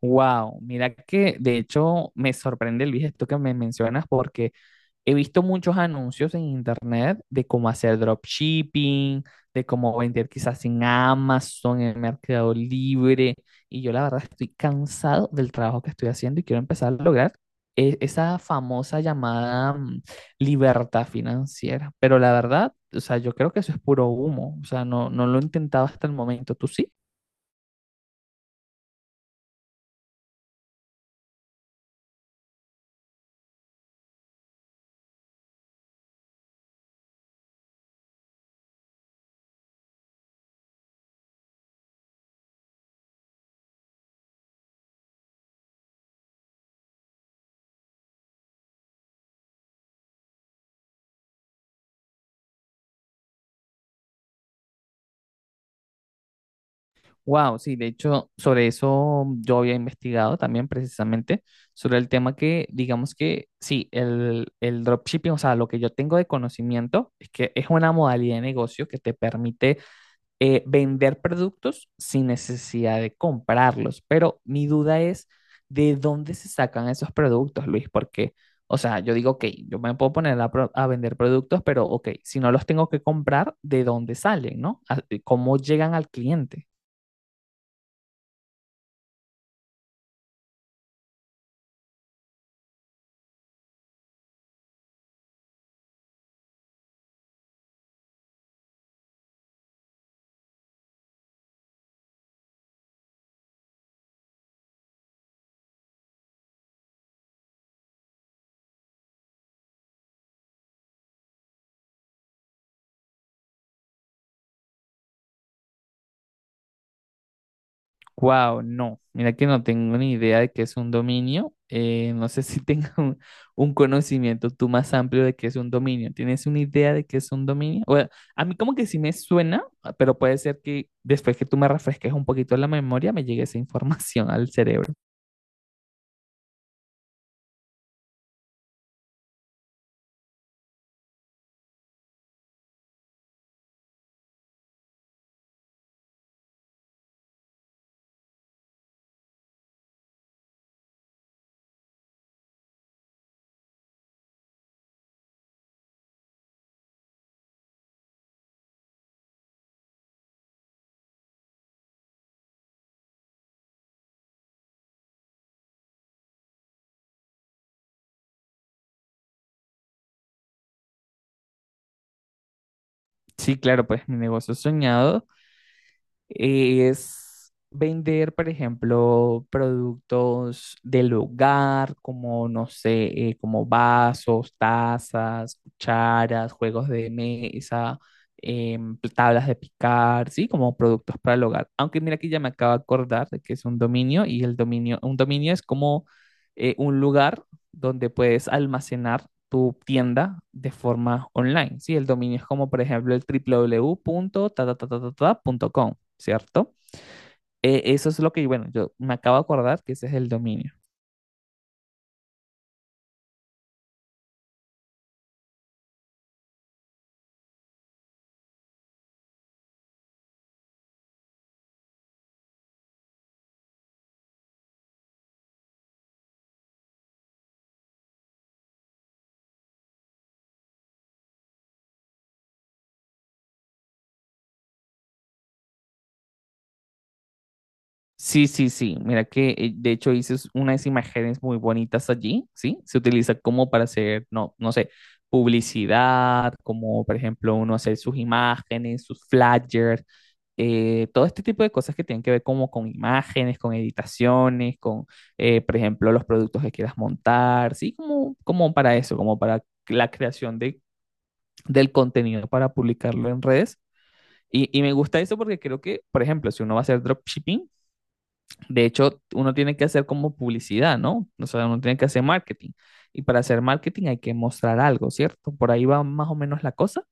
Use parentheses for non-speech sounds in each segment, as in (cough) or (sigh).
Wow, mira que de hecho me sorprende, Luis, esto que me mencionas porque he visto muchos anuncios en internet de cómo hacer dropshipping, de cómo vender quizás en Amazon, en Mercado Libre, y yo la verdad estoy cansado del trabajo que estoy haciendo y quiero empezar a lograr esa famosa llamada, libertad financiera, pero la verdad, o sea, yo creo que eso es puro humo, o sea, no, no lo he intentado hasta el momento, ¿tú sí? Wow, sí, de hecho, sobre eso yo había investigado también precisamente, sobre el tema que, digamos que, sí, el dropshipping, o sea, lo que yo tengo de conocimiento es que es una modalidad de negocio que te permite vender productos sin necesidad de comprarlos, pero mi duda es de dónde se sacan esos productos, Luis, porque, o sea, yo digo, ok, yo me puedo poner a, a vender productos, pero, ok, si no los tengo que comprar, ¿de dónde salen, no? ¿Cómo llegan al cliente? Wow, no, mira que no tengo ni idea de qué es un dominio. No sé si (laughs) tengo un conocimiento tú más amplio de qué es un dominio. ¿Tienes una idea de qué es un dominio? Bueno, a mí como que sí me suena, ah, pero puede ser que después que tú me refresques un poquito la memoria me llegue esa (laughs) información al cerebro. Sí, claro, pues mi negocio soñado Y es vender, por ejemplo, productos del hogar, como, no sé, como vasos, tazas, cucharas, juegos de mesa, pues, tablas de picar, ¿sí? Como productos para el hogar. Aunque mira que ya me acabo de acordar de que es un dominio, y el dominio, un dominio es como un lugar donde puedes almacenar tu tienda de forma online, ¿sí? El dominio es como, por ejemplo, el www.tatatatatata.com, ¿cierto? Eso es lo que, bueno, yo me acabo de acordar que ese es el dominio. Sí, sí, sí. Mira que de hecho hice unas imágenes muy bonitas allí, ¿sí? Se utiliza como para hacer, no, no sé, publicidad, como por ejemplo uno hacer sus imágenes, sus flyers, todo este tipo de cosas que tienen que ver como con imágenes, con editaciones, con, por ejemplo, los productos que quieras montar, ¿sí? Como, como para eso, como para la creación de, del contenido para publicarlo en redes. Y me gusta eso porque creo que, por ejemplo, si uno va a hacer dropshipping, de hecho, uno tiene que hacer como publicidad, ¿no? O sea, uno tiene que hacer marketing. Y para hacer marketing hay que mostrar algo, ¿cierto? Por ahí va más o menos la cosa.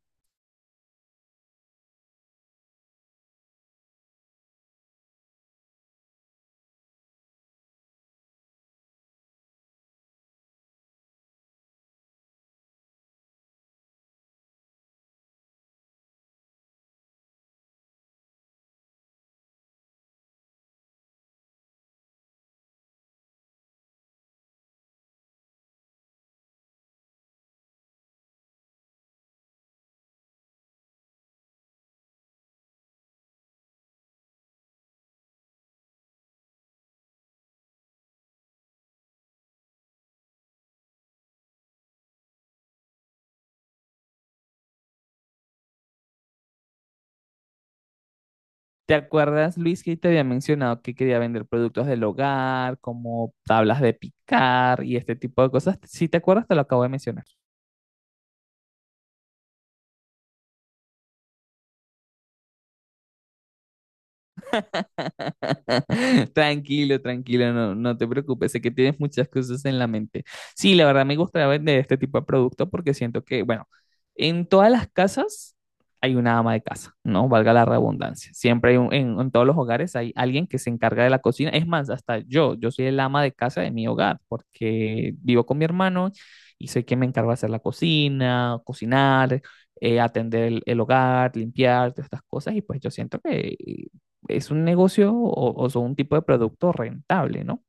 ¿Te acuerdas, Luis, que te había mencionado que quería vender productos del hogar, como tablas de picar y este tipo de cosas? Si te acuerdas, te lo acabo de mencionar. (laughs) Tranquilo, tranquilo, no, no te preocupes, sé que tienes muchas cosas en la mente. Sí, la verdad me gustaría vender este tipo de producto porque siento que, bueno, en todas las casas hay una ama de casa, ¿no? Valga la redundancia. Siempre hay en todos los hogares hay alguien que se encarga de la cocina. Es más, hasta yo, yo soy el ama de casa de mi hogar porque vivo con mi hermano y soy quien me encarga de hacer la cocina, cocinar, atender el hogar, limpiar, todas estas cosas, y pues yo siento que es un negocio o son un tipo de producto rentable, ¿no?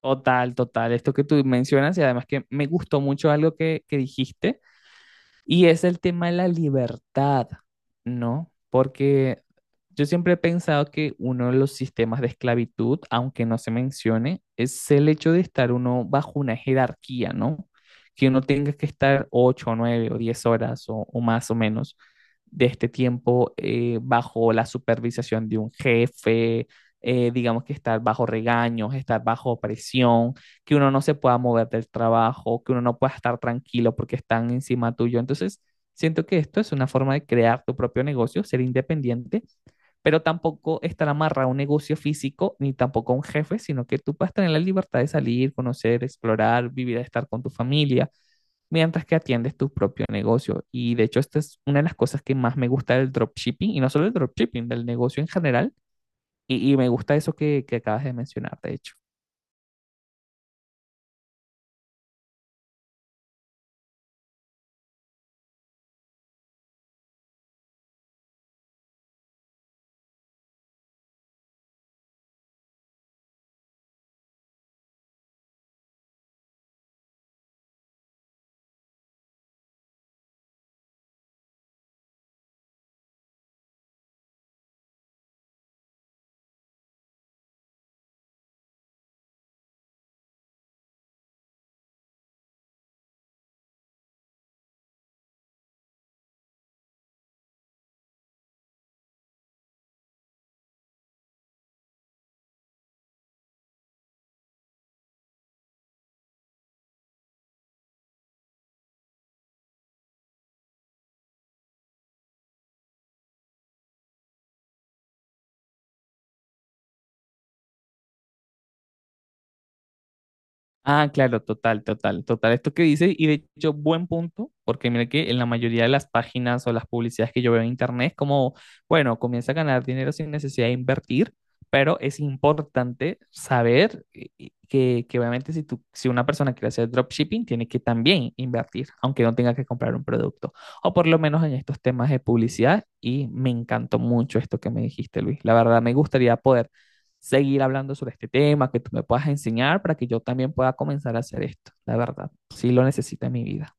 Total, total, esto que tú mencionas, y además que me gustó mucho algo que dijiste Y es el tema de la libertad, ¿no? Porque yo siempre he pensado que uno de los sistemas de esclavitud, aunque no se mencione, es el hecho de estar uno bajo una jerarquía, ¿no? Que uno tenga que estar ocho, nueve o diez horas o más o menos de este tiempo bajo la supervisación de un jefe, digamos que estar bajo regaños, estar bajo presión que uno no se pueda mover del trabajo, que uno no pueda estar tranquilo porque están encima tuyo. Entonces, siento que esto es una forma de crear tu propio negocio, ser independiente, pero tampoco estar amarrado a un negocio físico ni tampoco a un jefe, sino que tú puedes tener la libertad de salir, conocer, explorar, vivir, estar con tu familia, mientras que atiendes tu propio negocio. Y de hecho, esta es una de las cosas que más me gusta del dropshipping, y no solo del dropshipping, del negocio en general. Y me gusta eso que acabas de mencionar, de hecho. Ah, claro, total, total, total. Esto que dices, y de hecho, buen punto, porque mira que en la mayoría de las páginas o las publicidades que yo veo en internet es como, bueno, comienza a ganar dinero sin necesidad de invertir, pero es importante saber que obviamente si tú, si una persona quiere hacer dropshipping, tiene que también invertir, aunque no tenga que comprar un producto, o por lo menos en estos temas de publicidad, y me encantó mucho esto que me dijiste, Luis. La verdad, me gustaría poder seguir hablando sobre este tema, que tú me puedas enseñar para que yo también pueda comenzar a hacer esto, la verdad. Sí lo necesito en mi vida.